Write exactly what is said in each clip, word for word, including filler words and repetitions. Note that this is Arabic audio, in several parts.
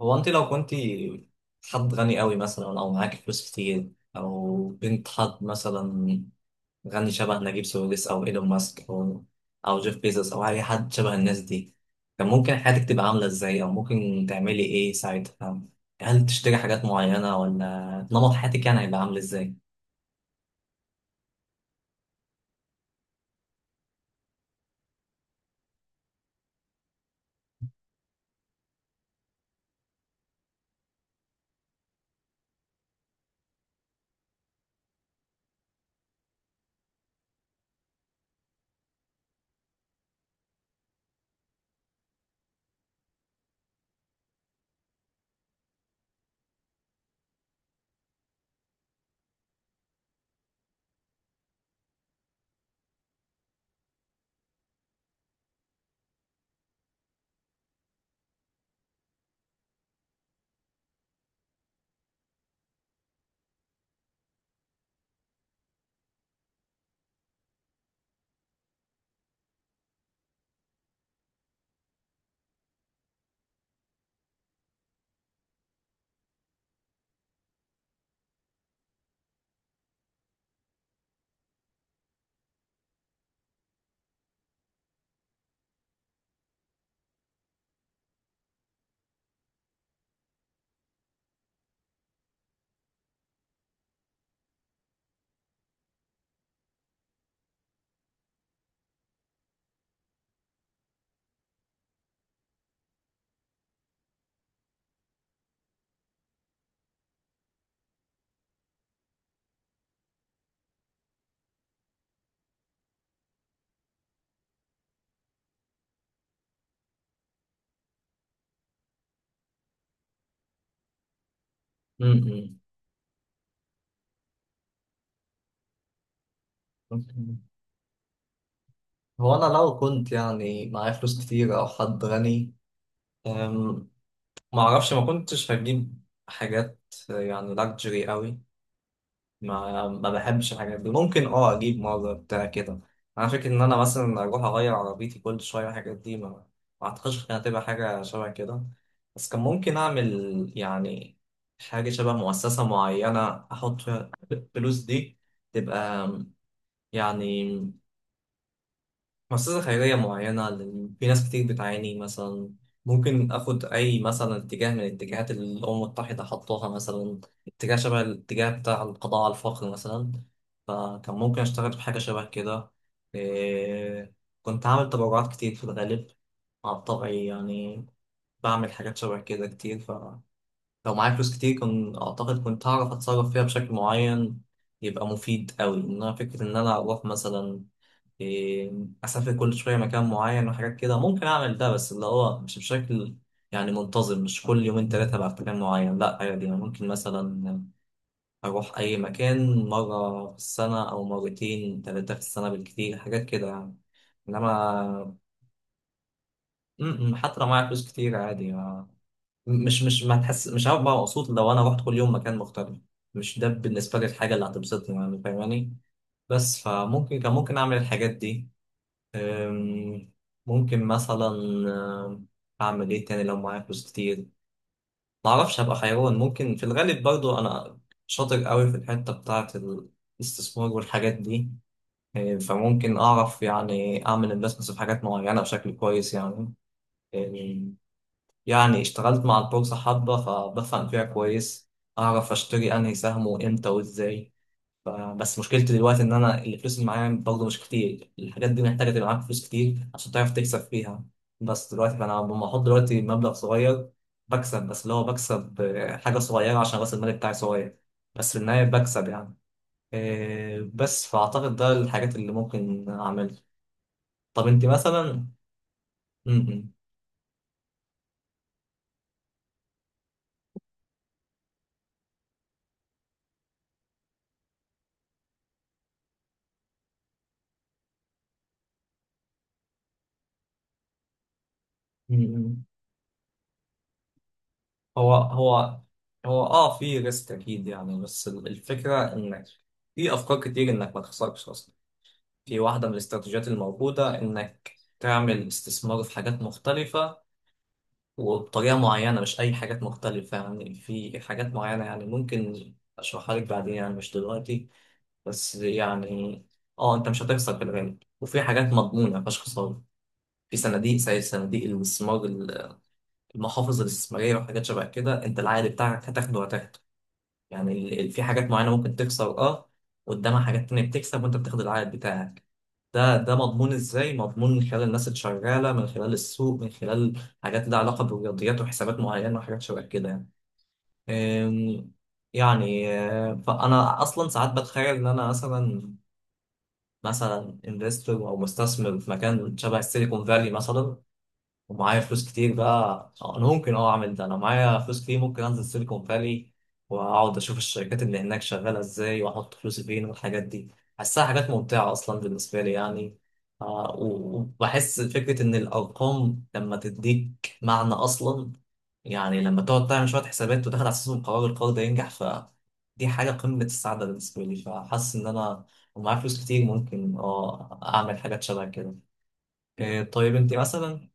هو انت لو كنت حد غني قوي مثلا او معاكي فلوس كتير او بنت حد مثلا غني شبه نجيب ساويرس او ايلون ماسك او او جيف بيزوس او اي حد شبه الناس دي، كان ممكن حياتك تبقى عامله ازاي او ممكن تعملي ايه ساعتها؟ هل تشتري حاجات معينه ولا نمط حياتك يعني هيبقى عامل ازاي؟ م- م. هو انا لو كنت يعني معايا فلوس كتير او حد غني، أم، ما اعرفش، ما كنتش هجيب حاجات يعني لاكجري قوي. ما ما بحبش الحاجات دي، ممكن اه اجيب ماجا بتاع كده. انا فاكر ان انا مثلا اروح اغير عربيتي كل شويه الحاجات دي، ما ما اعتقدش كانت هتبقى حاجه شبه كده. بس كان ممكن اعمل يعني حاجه شبه مؤسسه معينه احط فيها الفلوس دي، تبقى يعني مؤسسة خيرية معينة، لأن في ناس كتير بتعاني مثلا. ممكن آخد أي مثلا اتجاه من الاتجاهات اللي الأمم المتحدة حطوها مثلا، اتجاه شبه الاتجاه بتاع القضاء على الفقر مثلا، فكان ممكن أشتغل في حاجة شبه كده. إيه، كنت عامل تبرعات كتير في الغالب على طبعي يعني، بعمل حاجات شبه كده كتير. فلو معايا فلوس كتير كنت أعتقد كنت هعرف أتصرف فيها بشكل معين يبقى مفيد أوي. إنما فكرة إن أنا أروح مثلا، إيه، اسافر كل شويه مكان معين وحاجات كده، ممكن اعمل ده بس اللي هو مش بشكل يعني منتظم، مش كل يومين ثلاثه بقى في مكان معين، لا عادي يعني ممكن مثلا اروح اي مكان مره في السنه او مرتين ثلاثه في السنه بالكتير حاجات كده يعني. انما م- م، حتى لو معايا فلوس كتير عادي، ما- مش مش ما تحس مش عارف بقى مبسوط لو انا رحت كل يوم مكان مختلف، مش ده بالنسبه لي الحاجه اللي هتبسطني يعني فاهماني. بس فممكن كان ممكن اعمل الحاجات دي. أم، ممكن مثلا، أم، أعمل إيه تاني لو معايا فلوس كتير؟ معرفش. هبقى حيوان ممكن في الغالب، برضو أنا شاطر قوي في الحتة بتاعة الاستثمار والحاجات دي. أم، فممكن أعرف يعني أعمل انفستمنتس في حاجات معينة بشكل كويس يعني. أم، يعني اشتغلت مع البورصة حبة فبفهم فيها كويس، أعرف أشتري أنهي سهم وإمتى وإزاي. ف- بس مشكلتي دلوقتي ان انا الفلوس اللي معايا برضه مش كتير، الحاجات دي محتاجه تبقى معاك فلوس كتير عشان تعرف تكسب فيها. بس دلوقتي فانا لما احط دلوقتي مبلغ صغير بكسب، بس اللي هو بكسب آه، حاجه صغيره عشان راس المال بتاعي صغير، بس في النهايه بكسب يعني. آه، بس فاعتقد ده الحاجات اللي ممكن اعملها. طب انت مثلا؟ م- م- م- م. هو هو هو اه في ريسك اكيد يعني، بس الفكره انك في افكار كتير انك ما تخسرش اصلا. في واحدة من الاستراتيجيات الموجودة إنك تعمل استثمار في حاجات مختلفة وبطريقة معينة، مش أي حاجات مختلفة يعني، في حاجات معينة يعني ممكن أشرحها لك بعدين يعني مش دلوقتي. بس يعني أه، أنت مش هتخسر في الغالب، وفي حاجات مضمونة مفيهاش خسارة، في صناديق زي صناديق الاستثمار، المحافظ الاستثمارية وحاجات شبه كده، أنت العائد بتاعك هتاخده وهتاخده. يعني ال- ال- في حاجات معينة ممكن تخسر اه، قدامها حاجات تانية بتكسب وانت بتاخد العائد بتاعك. ده ده مضمون ازاي؟ مضمون من خلال الناس اللي شغالة، من خلال السوق، من خلال حاجات لها علاقة بالرياضيات وحسابات معينة وحاجات شبه كده يعني. أم، يعني آه، فأنا أصلا ساعات بتخيل إن أنا مثلا، مثلا انفستور أو مستثمر في مكان شبه السيليكون فالي مثلا ومعايا فلوس كتير بقى. آه، انا ممكن اه اعمل ده، انا معايا فلوس كتير ممكن انزل سيليكون فالي واقعد اشوف الشركات اللي هناك شغاله ازاي واحط فلوسي فين والحاجات دي، بحسها حاجات ممتعه اصلا بالنسبه لي يعني. آه، و- وبحس فكره ان الارقام لما تديك معنى اصلا، يعني لما تقعد تعمل شويه حسابات وتاخد على اساسهم قرار، القرار ده ينجح، فدي حاجه قمه السعاده بالنسبه لي. فحاسس ان انا ومعايا فلوس كتير ممكن اه اعمل حاجات شبه كده. إيه، طيب انت مثلا؟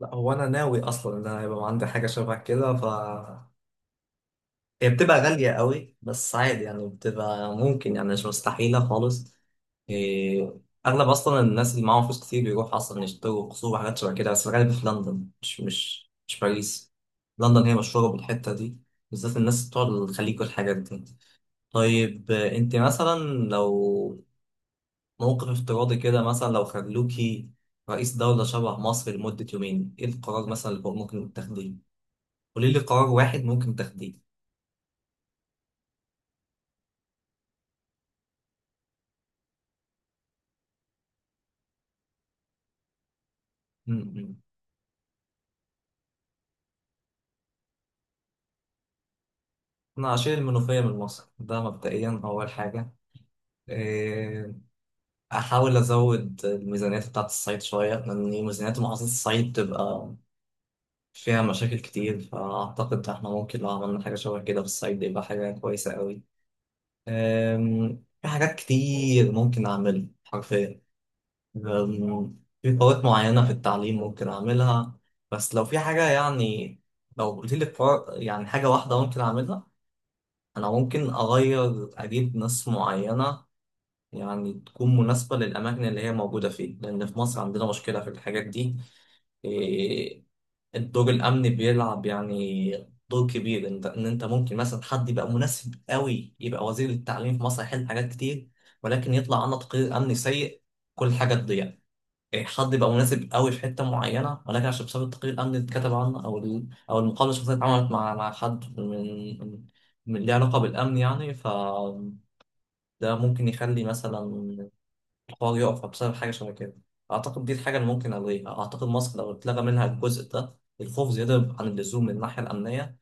لا هو انا ناوي اصلا ان انا يبقى عندي حاجه شبه كده، ف هي بتبقى غاليه قوي بس عادي يعني، بتبقى ممكن يعني مش مستحيله خالص. إيه، اغلب اصلا الناس اللي معاهم فلوس كتير بيروحوا اصلا يشتروا قصور وحاجات شبه كده، بس غالبا في لندن مش مش مش باريس. لندن هي مشهوره بالحته دي، بالذات الناس بتوع الخليج والحاجات دي. طيب آه، انت مثلا لو موقف افتراضي كده مثلا، لو خلوكي رئيس دولة شبه مصر لمدة يومين، ايه القرار مثلا اللي ممكن تاخديه؟ قولي لي قرار واحد ممكن تاخديه. م-م. انا اشيل المنوفيه من مصر، ده مبدئيا اول حاجه. إيه، احاول ازود الميزانيات بتاعت الصعيد شويه لان ميزانيات محافظه الصعيد بتبقى فيها مشاكل كتير، فاعتقد احنا ممكن لو عملنا حاجه شبه كده في الصعيد يبقى حاجه كويسه قوي. أم، في حاجات كتير ممكن اعملها حرفيا، أم، في قوات معينه في التعليم ممكن اعملها. بس لو في حاجه يعني، لو قلت لي قرار- يعني حاجه واحده ممكن اعملها، انا ممكن اغير، اجيب ناس معينه يعني تكون مناسبه للاماكن اللي هي موجوده فيه، لان في مصر عندنا مشكله في الحاجات دي. إيه، الدور الامني بيلعب يعني دور كبير، انت ان انت ممكن مثلا حد يبقى مناسب قوي يبقى وزير التعليم في مصر يحل حاجات كتير، ولكن يطلع عنه تقرير امني سيء، كل حاجه تضيع. إيه، حد يبقى مناسب قوي في حته معينه ولكن عشان بسبب التقرير الامني اللي اتكتب عنه او ال... او المقابله الشخصيه اللي اتعملت مع مع حد من من من ليه علاقه بالامن يعني، ف ده ممكن يخلي مثلا الحوار يقف بسبب حاجه شبه كده. اعتقد دي الحاجه اللي ممكن الغيها، اعتقد مصر لو اتلغى منها الجزء ده، الخوف زياده عن اللزوم من الناحيه الامنيه،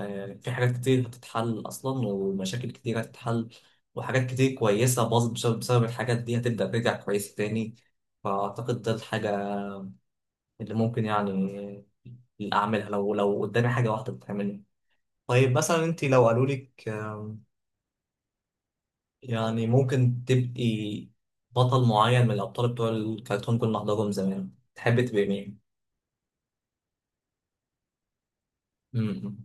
آه، في حاجات كتير هتتحل اصلا ومشاكل كتير هتتحل، وحاجات كتير كويسه باظت بسبب بسبب الحاجات دي هتبدا ترجع كويسه تاني. فاعتقد ده الحاجه اللي ممكن يعني اللي اعملها لو لو قدامي حاجه واحده بتعملها. طيب مثلا انت لو قالوا لك آم، يعني ممكن تبقي بطل معين من الابطال بتوع الكرتون كنا بنحضرهم زمان، تحبي تبقي مين؟ مم.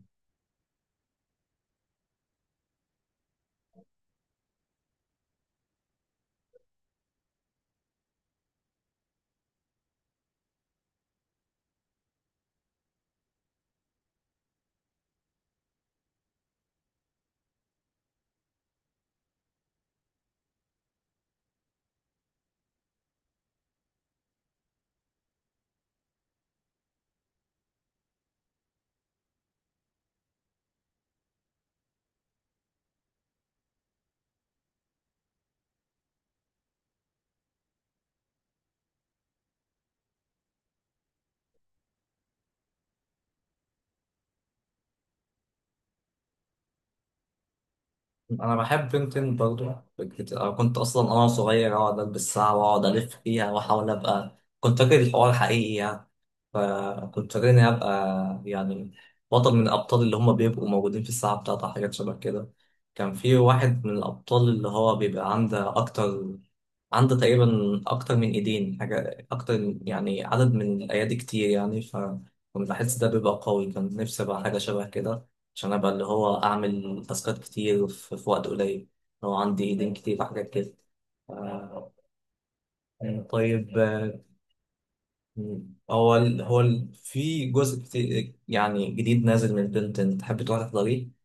انا بحب بنتين برضو، فكرة- أنا كنت اصلا انا صغير اقعد البس ساعة واقعد الف فيها واحاول ابقى، كنت فاكر الحوار حقيقي يعني، فكنت فاكر اني ابقى يعني بطل من الابطال اللي هم بيبقوا موجودين في الساعة بتاعتها حاجات شبه كده. كان في واحد من الابطال اللي هو بيبقى عنده اكتر، عنده تقريبا اكتر من ايدين، حاجة اكتر يعني، عدد من الايادي كتير يعني، فكنت بحس ده بيبقى قوي، كان نفسي ابقى حاجة شبه كده، عشان ابقى اللي هو اعمل تاسكات كتير في في وقت قليل لو عندي ايدين كتير في حاجات كده. آه، يعني طيب آه، هو ال- هو ال- في جزء كتير يعني جديد نازل من البنتن، تحب تروح تحضريه؟